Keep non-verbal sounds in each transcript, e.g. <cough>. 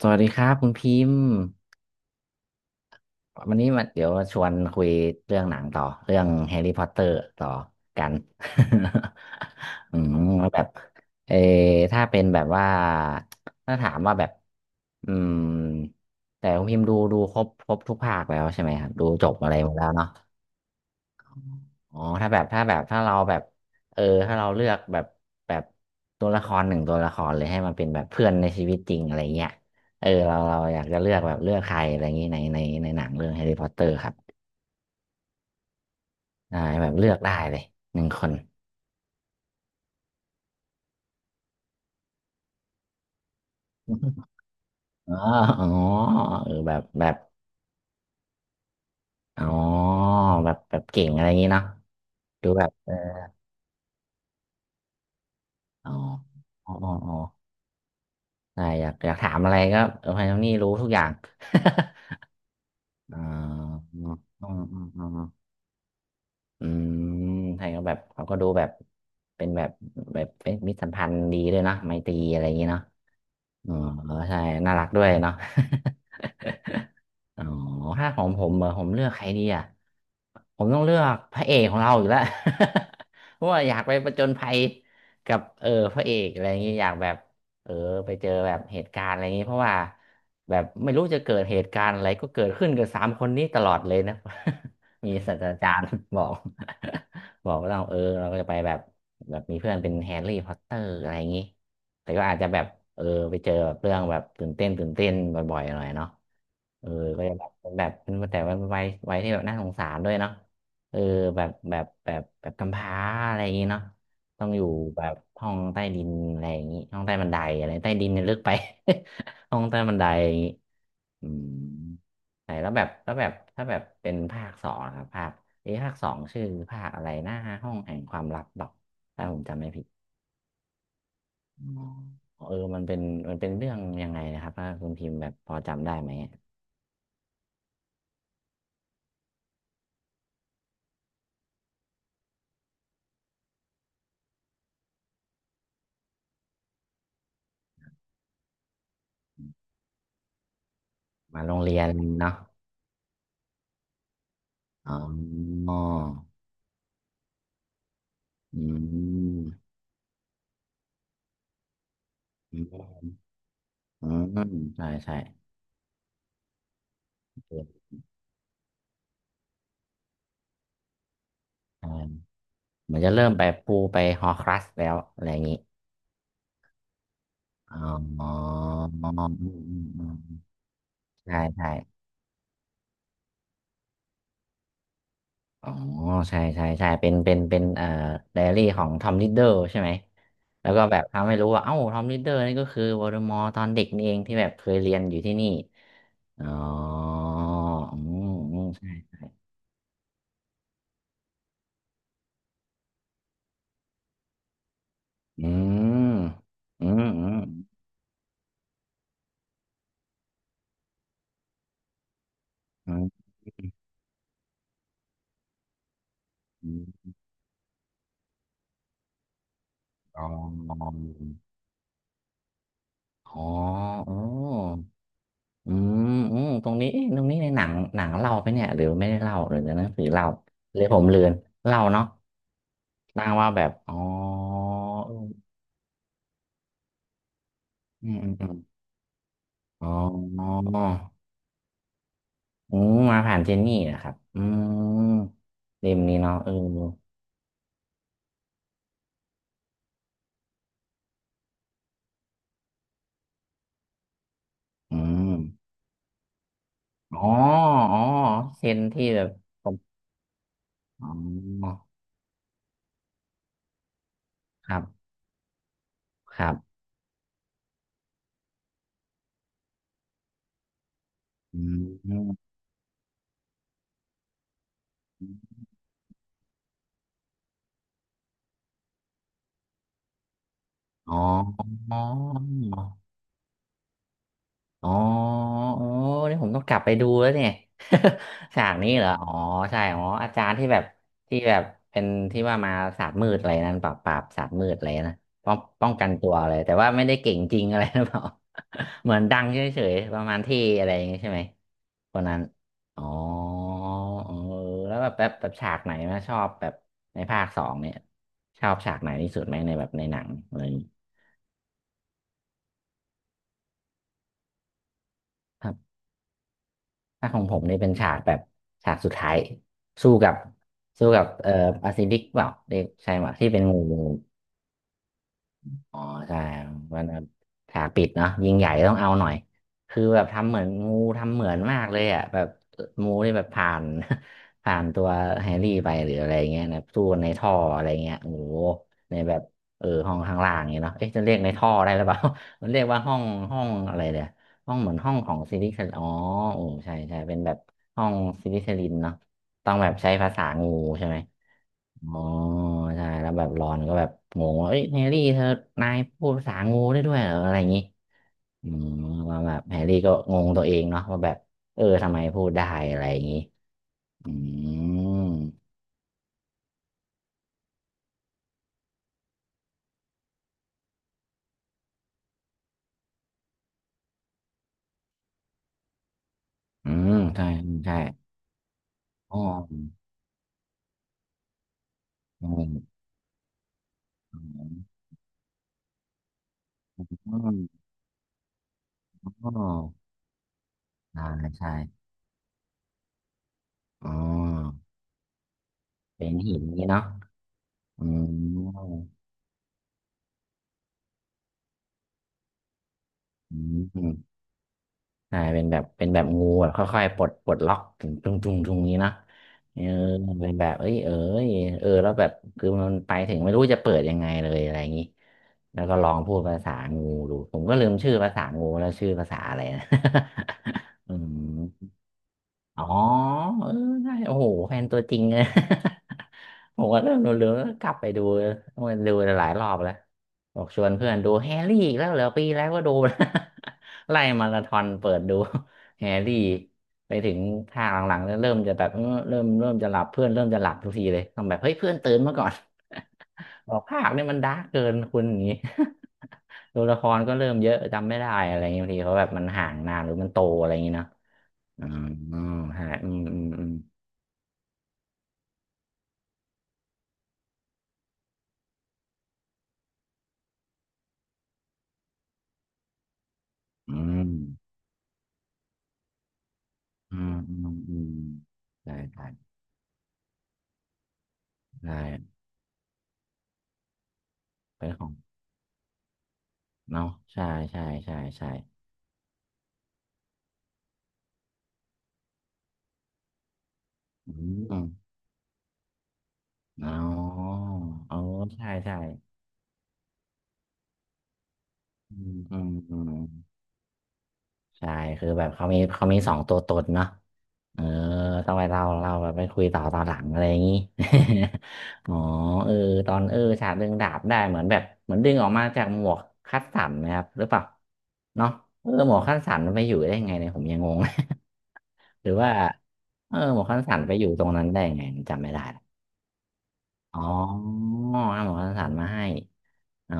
สวัสดีครับคุณพิมพ์วันนี้มาเดี๋ยวชวนคุยเรื่องหนังต่อเรื่องแฮร์รี่พอตเตอร์ต่อกัน <laughs> อืมแล้วแบบเออถ้าเป็นแบบว่าถ้าถามว่าแบบอืมแต่คุณพิมพ์ดูครบทุกภาคแล้วใช่ไหมครับดูจบอะไรหมดแล้วเนาะ อ๋อถ้าเราแบบเออถ้าเราเลือกแบบแบบตัวละครหนึ่งตัวละครเลยให้มันเป็นแบบเพื่อนในชีวิตจริงอะไรเงี้ยเราอยากจะเลือกแบบเลือกใครอะไรอย่างงี้ในหนังเรื่องแฮร์รี่พอตเตอร์ครับอ่า้แบบเลือกได้เลยหนึ่งคน <laughs> อ๋ออ๋อเออแบบอ๋อแบบแบบเก่งอะไรอย่างงี้เนาะดูแบบอ๋ออ๋ออ๋ออ๋อได้อยากถามอะไรก็ไพโอนี่รู้ทุกอย่าง <laughs> อ๋ออ๋ออ๋อ อืมไทยก็แบบเขาก็ดูแบบเป็นแบบเป็นมิตรสัมพันธ์ดีด้วยเนาะไมตรีอะไรอย่างงี้เนาะอ๋อใช่น่ารักด้วยเนาะ อ๋อถ้าของผมเหรอผมเลือกใครดีอ่ะผมต้องเลือกพระเอกของเราอยู่แล้ว <laughs> เพราะว่าอยากไปผจญภัยกับพระเอกอะไรอย่างงี้อยากแบบเออไปเจอแบบเหตุการณ์อะไรอย่างงี้เพราะว่าแบบไม่รู้จะเกิดเหตุการณ์อะไรก็เกิดขึ้นกับสามคนนี้ตลอดเลยนะ <laughs> มีศาสตราจารย์บอก <laughs> บอกว่าเราเราก็จะไปแบบแบบมีเพื่อนเป็นแฮร์รี่พอตเตอร์อะไรอย่างงี้แต่ก็อาจจะแบบเออไปเจอแบบเรื่องแบบตื่นเต้นบ่อยๆหน่อยเนาะ เออก็จะแบบเป็นแต่ว่าวัยที่แบบน่าสงสารด้วยเนาะเออแบบกำพร้าอะไรอย่างงี้เนาะต้องอยู่แบบห้องใต้ดินอะไรอย่างงี้ห้องใต้บันไดอะไรใต้ดินเนี่ยลึกไป <laughs> ห้องใต้บันไดอย่างงี้อืมไหนแล้วแบบถ้าแบบเป็นภาคสองนะครับภาคเอ๊ะภาคสองชื่อภาคอะไรนะห้องแห่งความลับหรอกถ้าผมจำไม่ผิดอ๋อเออมันเป็นเรื่องยังไงนะครับถ้าคุณพิมพ์แบบพอจำได้ไหม มาโรงเรียนเนาะอ๋ออืมอืมอืมใช่ใช่เออใช่เหมือนจะเริ่มไปปูไปฮอครัสแล้วอะไรอย่างนี้อ๋ออ๋ออืมอืมอืมใช่ใช่อ๋อ ใช่เป็นไดอารี่ของทอมลิดเดอร์ใช่ไหมแล้วก็แบบทำให้รู้ว่าเอ้าทอมลิดเดอร์นี่ก็คือวอลเดอมอร์ตอนเด็กนี่เองที่แบบเคยเรียนอยู่ที่นี่ อ๋ออืมอืมใช่อืมอืมอืม อืมอมอ๋ออ๋ออ๋ออืมอืมตรงนี้เอ๊ะตรงนี้ในหนังเล่าไปเนี่ยหรือไม่ได้เล่าหรือในหนังสือเล่าเลยผมเลือนเล่าเนาะนางว่าแบบอ๋ออออืมอืมอืมอ๋ออืมมาผ่านเจนนี่นะครับอืมเล่มนี้เนาะเอออืมอ๋ออ๋อเซนที่แบบผมอ๋อครับครับอืม อ๋ออ๋ออ๋อโอ้นี่ผมต้องกลับไปดูแล้วเนี่ย <laughs> ฉากนี้เหรออ๋อใช่อ๋ออาจารย์ที่แบบที่แบบเป็นที่ว่ามาศาสตร์มืดอะไรนั่นปราบศาสตร์มืดอะไรนะป้องกันตัวเลยแต่ว่าไม่ได้เก่งจริงอะไรหรือ <laughs> เปล่า <laughs> เหมือนดังเฉยๆประมาณที่อะไรอย่างงี้ใช่ไหมคนนั้นอ๋อเออแล้วแบบแบบแบบฉากไหนนะชอบแบบในภาคสองเนี่ยชอบฉากไหนที่สุดไหมในแบบในหนังอะไรอย่างงี้ ถ้าของผมนี่เป็นฉากแบบฉากสุดท้ายสู้กับสู้กับอาซิลิกเปล่าเรียกใช่ไหมที่เป็นงู อ๋อใช่มันแบบฉากปิดเนาะยิงใหญ่ต้องเอาหน่อยคือแบบทำเหมือนงูทำเหมือนมากเลยอ่ะแบบงูนี่แบบผ่าน <laughs> ผ่านตัวแฮร์รี่ไปหรืออะไรเงี้ยนะสู้นในท่ออะไรเงี้ยโอ้โหในแบบห้องข้างล่างเนี้ยเนาะเอ๊ะจะเรียกในท่อได้หรือเปล่า <laughs> มันเรียกว่าห้องอะไรเนี่ยห้องเหมือนห้องของซิลิคอนอ๋อโอ้ใช่ใช่เป็นแบบห้องซิลิคลินเนาะต้องแบบใช้ภาษางูใช่ไหม อ๋อใช่แล้วแบบรอนก็แบบงงว่าเอ้ยแฮร์รี่เธอนายพูดภาษางูได้ด้วยเหรออะไรอย่างงี้อืมว่าแบบแฮร์รี่ก็งงตัวเองเนาะว่าแบบทำไมพูดได้อะไรอย่างงี้อืมอืมใช่ใช่อ๋ออืมอืมอืมอ๋ออช่าใช่อ๋อเป็นหินนี้เนาะอืมอืม ใช่เป็นแบบเป็นแบบงูแบบค่อยๆปลดล็อกถึงจุงจุงจุงนี้เนาะเออเป็นแบบเอ้ยเอ้ยเออแล้วแบบคือมันไปถึงไม่รู้จะเปิดยังไงเลยอะไรอย่างนี้แล้วก็ลองพูดภาษางูดูผมก็ลืมชื่อภาษางูแล้วชื่อภาษาอะไรนะ <laughs> อืมอ๋อเออใช่โอ้โหแฟนตัวจริงเลย ผมก็เริ่มเร็วๆแล้วกลับไปดูต้องไปดูหลายรอบแล้วบอกชวนเพื่อนดูแฮร์รี่อีกแล้วเหรอปีแล้วก็ดูนะ <laughs> ไล่มาราธอนเปิดดูแฮร์รี่ไปถึงภาคหลังๆแล้วเริ่มจะแบบเออเริ่มจะหลับเพื่อนเริ่มจะหลับทุกทีเลยต้องแบบเฮ้ยเพื่อนตื่นมาก่อน <laughs> บอกภาคเนี่ยมันดาร์กเกินคุณอย่างนี้ <laughs> ตัวละครก็เริ่มเยอะจำไม่ได้อะไรอย่างเงี้ยบางทีเขาแบบมันห่างนานหรือมันโตอะไรอย่างเงี้ยเนาะอืมอืมใช่อืมอืมอืมอืมอืมอืมอืมใช่ใช่ใช่ เป็นของเนาะใช่ใช่ใช่ใช่อืมอ๋อเอ๋อใช่ใช่อืมอืมอืมใช่คือแบบเขามีสองตัวตนเนาะเออต้องไปเล่าแบบไปคุยต่อตอนหลังอะไรอย่างงี้ <laughs> อ๋อเออตอนเออฉากดึงดาบได้เหมือนแบบเหมือนดึงออกมาจากหมวกคัดสันนะครับหรือเปล่าเนาะเออหมวกคัดสันมันไปอยู่ได้ไงเนี่ยผมยังงง <laughs> หรือว่าเออหมวกคัดสันไปอยู่ตรงนั้นได้ไงจำไม่ได้ อ๋อเอาหมอสสารมาให้อ๋อ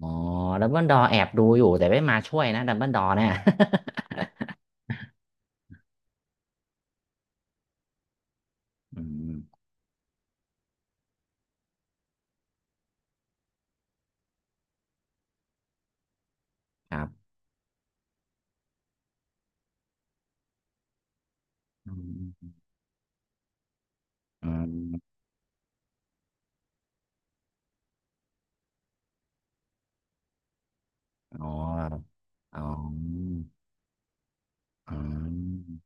อ๋อดับเบิลดอแอบดูอยู่แต่ไม่มาช่วยนะดับเบิลดอเนี่ย <laughs> อืมครับอืมอืมอ๋ออ๋อ อืม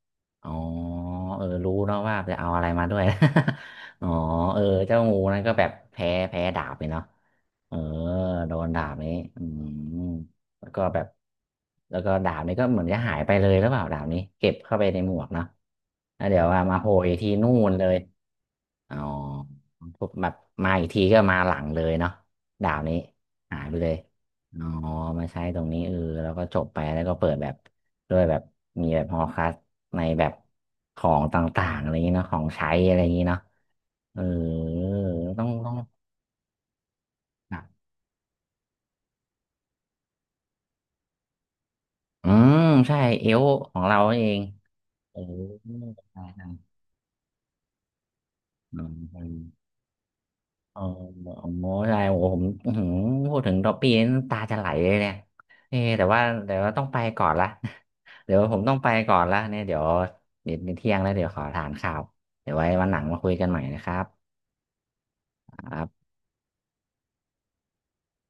อ๋อเออรู้เนาะว่าจะเอาอะไรมาด้วย <laughs> อ๋อเออเจ้างูนั่นก็แบบแพ้ดาบไปเนาะ เออ โดนดาบนี้ อืม แล้วก็แบบ แล้วก็ดาบนี้ก็เหมือนจะหายไปเลยหรือเปล่าดาบนี้เก็บเข้าไปในหมวกเนาะแล้วเดี๋ยวว่ามาโผล่อีกทีนู่นเลย อ๋อปุ๊บแบบมาอีกทีก็มาหลังเลยเนาะดาบนี้หายไปเลยอ๋อมาใช้ตรงนี้เออแล้วก็จบไปแล้วก็เปิดแบบ ด้วยแบบมีแบบฮอลคัสในแบบของต่างๆอะไรอย่างนี้เนาะของใช้อะไรอย่างนี้เนาะเออต้องออืมใช่เอวของเราเองเออใช่ใช่อืมอืมอออ๋อใช่โอ้โหผมอื้อหือพูดถึงดอปปี้นี่น้ำตาจะไหลเลยเนี่ยเออแต่ว่าแต่ว่าต้องไปก่อนละ <laughs> เดี๋ยวผมต้องไปก่อนละเนี่ยเดี๋ยวเดี๋ยวเที่ยงแล้วเดี๋ยวขอทานข้าวเดี๋ยวไว้วันหลังมาคุยกันใหม่นะครับครับ